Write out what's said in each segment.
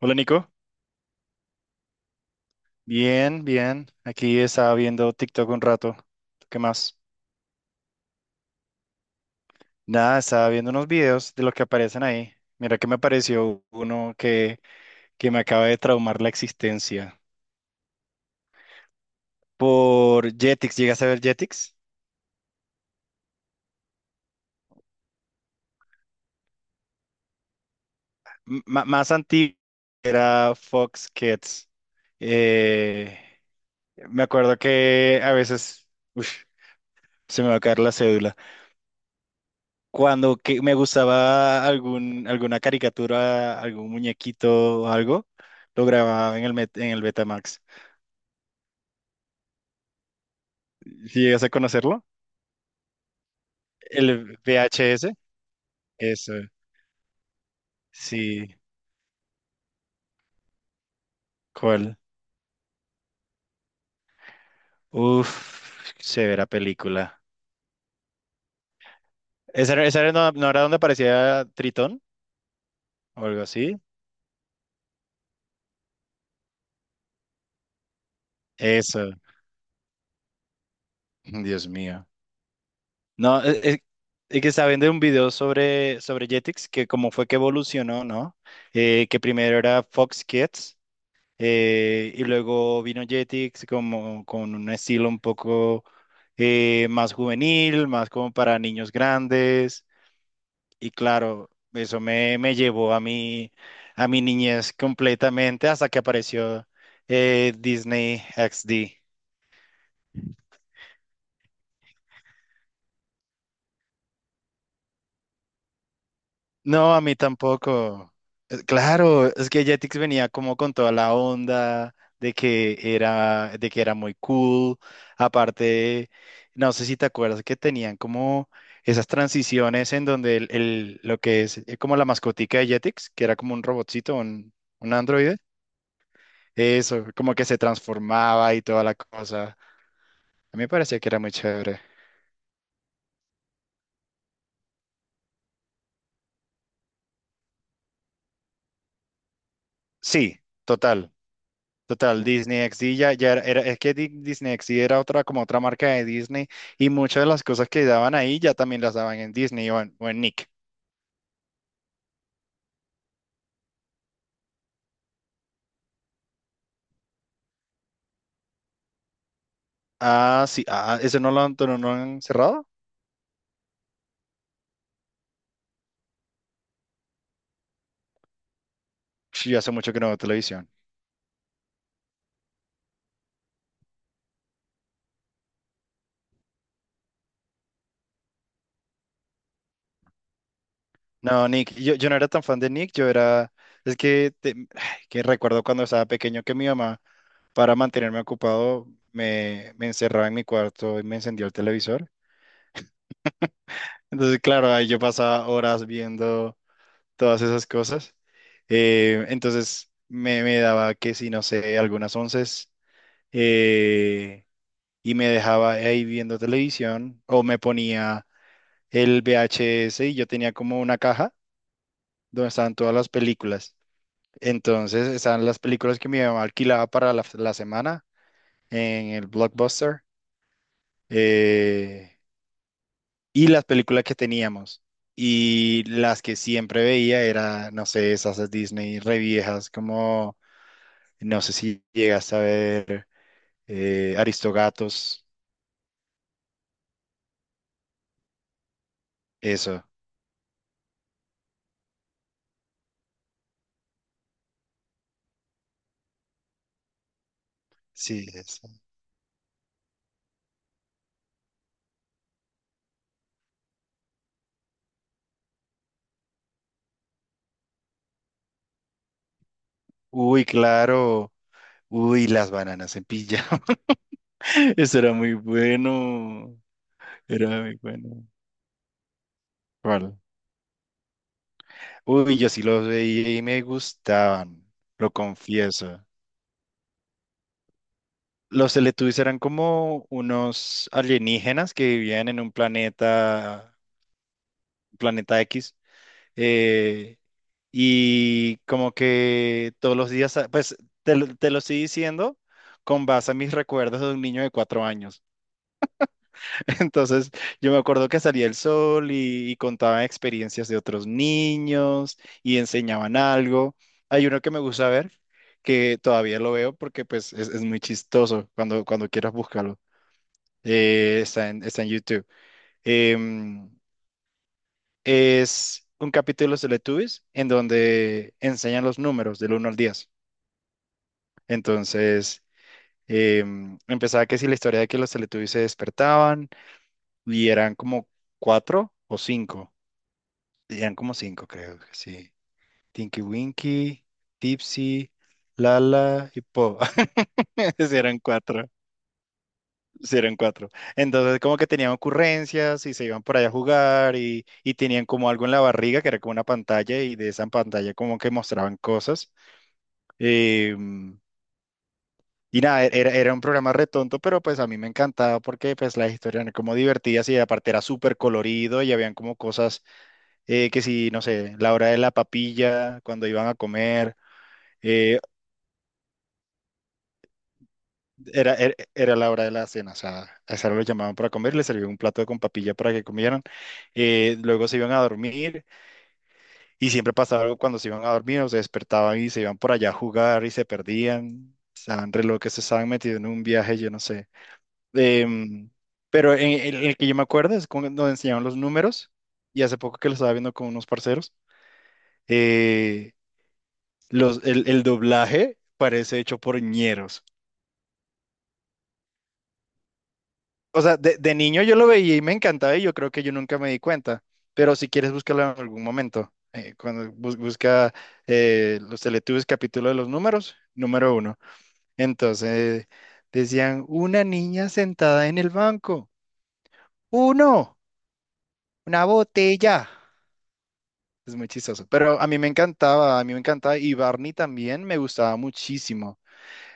Hola Nico, bien, bien. Aquí estaba viendo TikTok un rato. ¿Tú? ¿Qué más? Nada, estaba viendo unos videos de lo que aparecen ahí. Mira que me apareció uno que me acaba de traumar la existencia. Por Jetix, ¿llegas a ver Jetix? Más antiguo era Fox Kids. Eh, Me acuerdo que a veces, uf, se me va a caer la cédula. Cuando que me gustaba algún, alguna caricatura, algún muñequito o algo, lo grababa en el Betamax. ¿Sí? ¿Llegas a conocerlo? El VHS. Eso, sí. ¿Cuál? Uf, severa película. ¿Esa, no, no era donde aparecía Tritón o algo así? Eso, Dios mío. No, es que estaba viendo un video sobre Jetix, que cómo fue que evolucionó, ¿no? Que primero era Fox Kids. Y luego vino Jetix como con un estilo un poco más juvenil, más como para niños grandes. Y claro, eso me llevó a mi niñez completamente hasta que apareció, Disney XD. No, a mí tampoco. Claro, es que Jetix venía como con toda la onda de que era muy cool. Aparte, no sé si te acuerdas que tenían como esas transiciones en donde lo que es, como la mascotica de Jetix, que era como un robotcito, un androide, eso, como que se transformaba y toda la cosa. A mí me parecía que era muy chévere. Sí, total. Total, Disney XD ya es que Disney XD era otra, como otra marca de Disney y muchas de las cosas que daban ahí ya también las daban en Disney o en Nick. Ah, sí, ah, ¿eso no lo han cerrado? Sí, hace mucho que no veo televisión. No, Nick, yo no era tan fan de Nick, yo era, es que, te- ay, que recuerdo cuando estaba pequeño que mi mamá, para mantenerme ocupado, me encerraba en mi cuarto y me encendía el televisor. Entonces, claro, ahí yo pasaba horas viendo todas esas cosas. Entonces me daba que si no sé, algunas onces, eh, y me dejaba ahí viendo televisión o me ponía el VHS y yo tenía como una caja donde estaban todas las películas. Entonces estaban las películas que mi mamá alquilaba para la semana en el Blockbuster, eh, y las películas que teníamos. Y las que siempre veía era, no sé, esas de Disney re viejas, como, no sé si llegas a ver, Aristogatos, eso. Sí, eso. Uy, claro. Uy, las bananas en pijama. Eso era muy bueno. Era muy bueno. ¿Cuál? Uy, yo sí los veía y me gustaban, lo confieso. Los Teletubbies eran como unos alienígenas que vivían en un planeta X. Eh, y como que todos los días, ah, pues, te lo estoy diciendo con base a mis recuerdos de un niño de 4 años. Entonces, yo me acuerdo que salía el sol y contaban experiencias de otros niños y enseñaban algo. Hay uno que me gusta ver, que todavía lo veo porque pues es muy chistoso cuando quieras búscalo. Está en YouTube. Em, es un capítulo de los Teletubbies en donde enseñan los números del 1 al 10. Entonces, empezaba que si la historia de que los Teletubbies se despertaban y eran como cuatro o cinco. Eran como cinco, creo que sí. Tinky Winky, Tipsy, Lala y Po. Eran cuatro. Sí, eran cuatro. Entonces, como que tenían ocurrencias y se iban por allá a jugar y tenían como algo en la barriga que era como una pantalla y de esa pantalla como que mostraban cosas. Eh, y nada, era un programa re tonto, pero pues a mí me encantaba porque pues las historias eran como divertidas y aparte era súper colorido y habían como cosas, que si, no sé, la hora de la papilla, cuando iban a comer. eh, era la hora de la cena, o sea, a esa hora los llamaban para comer, les servían un plato con papilla para que comieran. Luego se iban a dormir y siempre pasaba algo cuando se iban a dormir, o se despertaban y se iban por allá a jugar y se perdían, estaban re locos, se estaban metidos en un viaje, yo no sé. Em, pero en el que yo me acuerdo es cuando nos enseñaban los números y hace poco que lo estaba viendo con unos parceros, eh, el doblaje parece hecho por ñeros. O sea, de niño yo lo veía y me encantaba y yo creo que yo nunca me di cuenta, pero si quieres búscalo en algún momento, cuando busca, los Teletubbies capítulo de los números, número uno. Entonces decían, una niña sentada en el banco, uno, una botella. Es muy chistoso, pero a mí me encantaba, a mí me encantaba, y Barney también me gustaba muchísimo,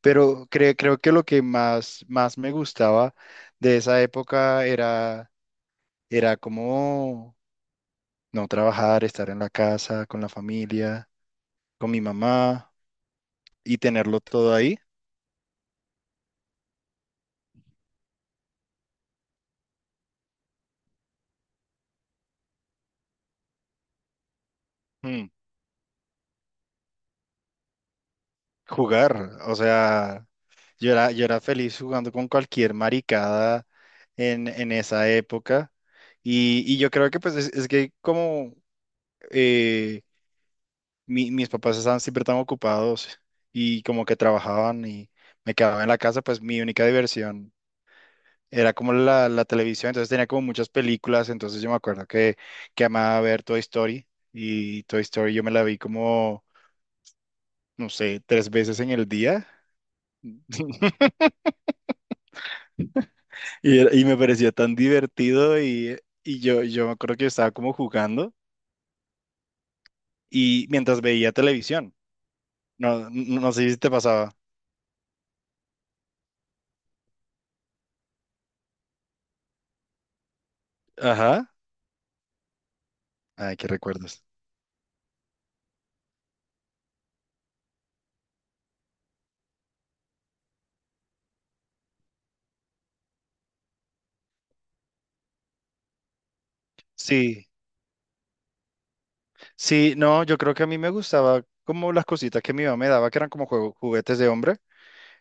pero creo que lo que más, más me gustaba de esa época era como... No trabajar, estar en la casa, con la familia, con mi mamá y tenerlo todo ahí. Mm, Jugar, o sea, yo era feliz jugando con cualquier maricada en esa época y yo creo que pues es que como, eh, mis papás estaban siempre tan ocupados y como que trabajaban y me quedaba en la casa, pues mi única diversión era como la televisión, entonces tenía como muchas películas, entonces yo me acuerdo que amaba ver Toy Story y Toy Story yo me la vi como, no sé, 3 veces en el día. Y me parecía tan divertido y yo me acuerdo que yo estaba como jugando y mientras veía televisión, no, no, no sé si te pasaba. Ajá, ay, qué recuerdos. Sí, sí, no, yo creo que a mí me gustaba como las cositas que mi mamá me daba, que eran como juguetes de hombre.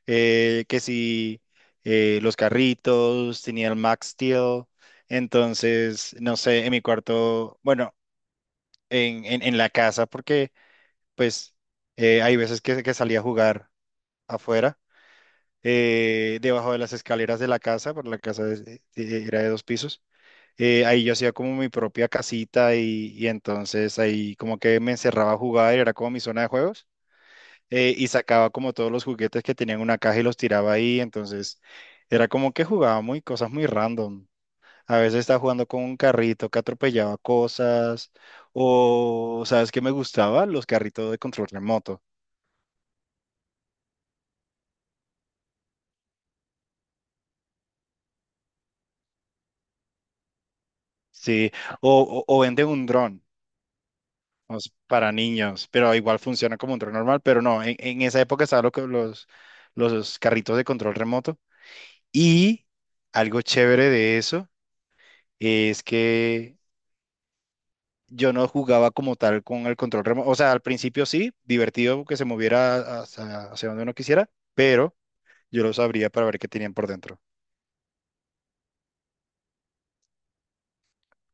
Que si, los carritos, tenía el Max Steel. Entonces, no sé, en mi cuarto, bueno, en la casa, porque pues, hay veces que salía a jugar afuera, debajo de las escaleras de la casa, porque la casa era de 2 pisos. Ahí yo hacía como mi propia casita y entonces ahí como que me encerraba a jugar, era como mi zona de juegos. Y sacaba como todos los juguetes que tenían una caja y los tiraba ahí, entonces era como que jugaba muy cosas muy random. A veces estaba jugando con un carrito que atropellaba cosas, o, ¿sabes qué me gustaba? Los carritos de control remoto, sí, o, venden un dron. Para niños, pero igual funciona como un dron normal, pero no, en esa época estaban los carritos de control remoto y algo chévere de eso es que yo no jugaba como tal con el control remoto. O sea, al principio sí, divertido que se moviera hacia donde uno quisiera, pero yo los abría para ver qué tenían por dentro.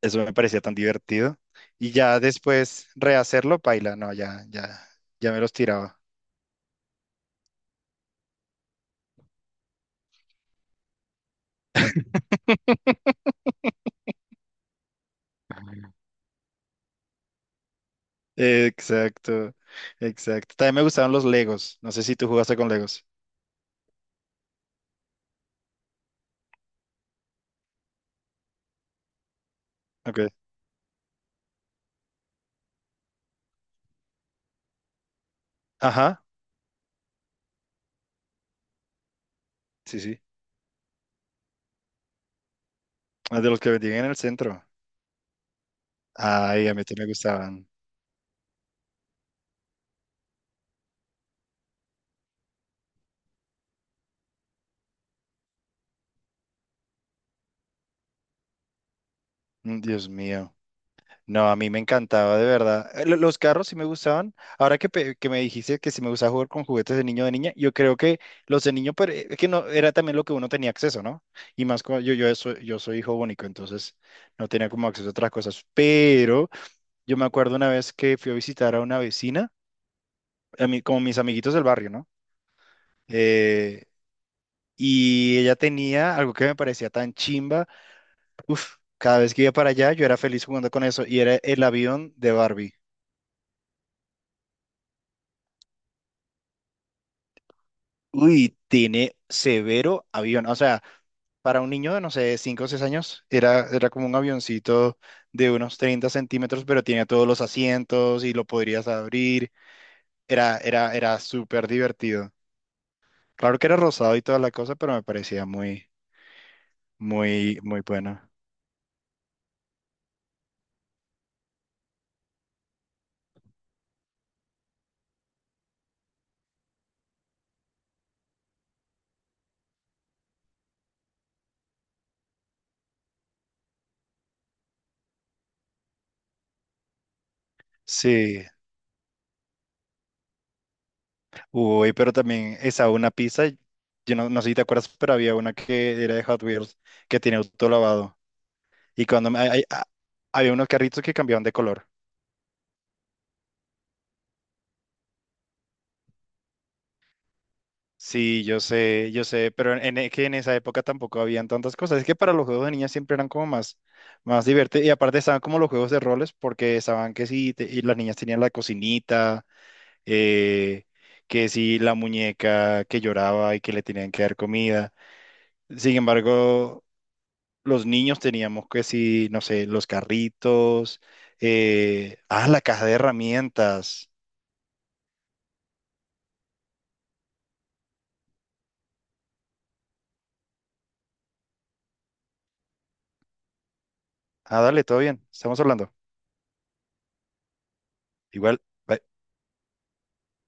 Eso me parecía tan divertido. Y ya después rehacerlo, paila, no, ya, ya, ya me los tiraba. Exacto, exacto. También me gustaban los Legos. No sé si tú jugaste con Legos. Ok. Ajá, sí, sí. Ah, de los que vendían en el centro. Ay, a mí también me gustaban. Mm, Dios mío. No, a mí me encantaba, de verdad. Los carros sí me gustaban. Ahora que me dijiste que si me gustaba jugar con juguetes de niño o de niña, yo creo que los de niño, pero es que no, era también lo que uno tenía acceso, ¿no? Y más como yo, yo soy hijo único, entonces no tenía como acceso a otras cosas. Pero yo me acuerdo una vez que fui a visitar a una vecina, a mí, como mis amiguitos del barrio, ¿no? Eh, y ella tenía algo que me parecía tan chimba. Uf, cada vez que iba para allá, yo era feliz jugando con eso y era el avión de Barbie. Uy, tiene severo avión. O sea, para un niño de, no sé, 5 o 6 años, era como un avioncito de unos 30 centímetros, pero tenía todos los asientos y lo podrías abrir. Era súper divertido. Claro que era rosado y toda la cosa, pero me parecía muy, muy, muy bueno. Sí. Uy, pero también esa una pizza, yo no, no sé si te acuerdas, pero había una que era de Hot Wheels, que tenía auto lavado. Y cuando había unos carritos que cambiaban de color. Sí, yo sé, pero que en esa época tampoco habían tantas cosas. Es que para los juegos de niñas siempre eran como más, más divertidos. Y aparte estaban como los juegos de roles, porque estaban que sí, y las niñas tenían la cocinita, eh, que sí, la muñeca que lloraba y que le tenían que dar comida. Sin embargo, los niños teníamos que sí, no sé, los carritos, ah, la caja de herramientas. Ah, dale, todo bien, estamos hablando. Igual. Bye.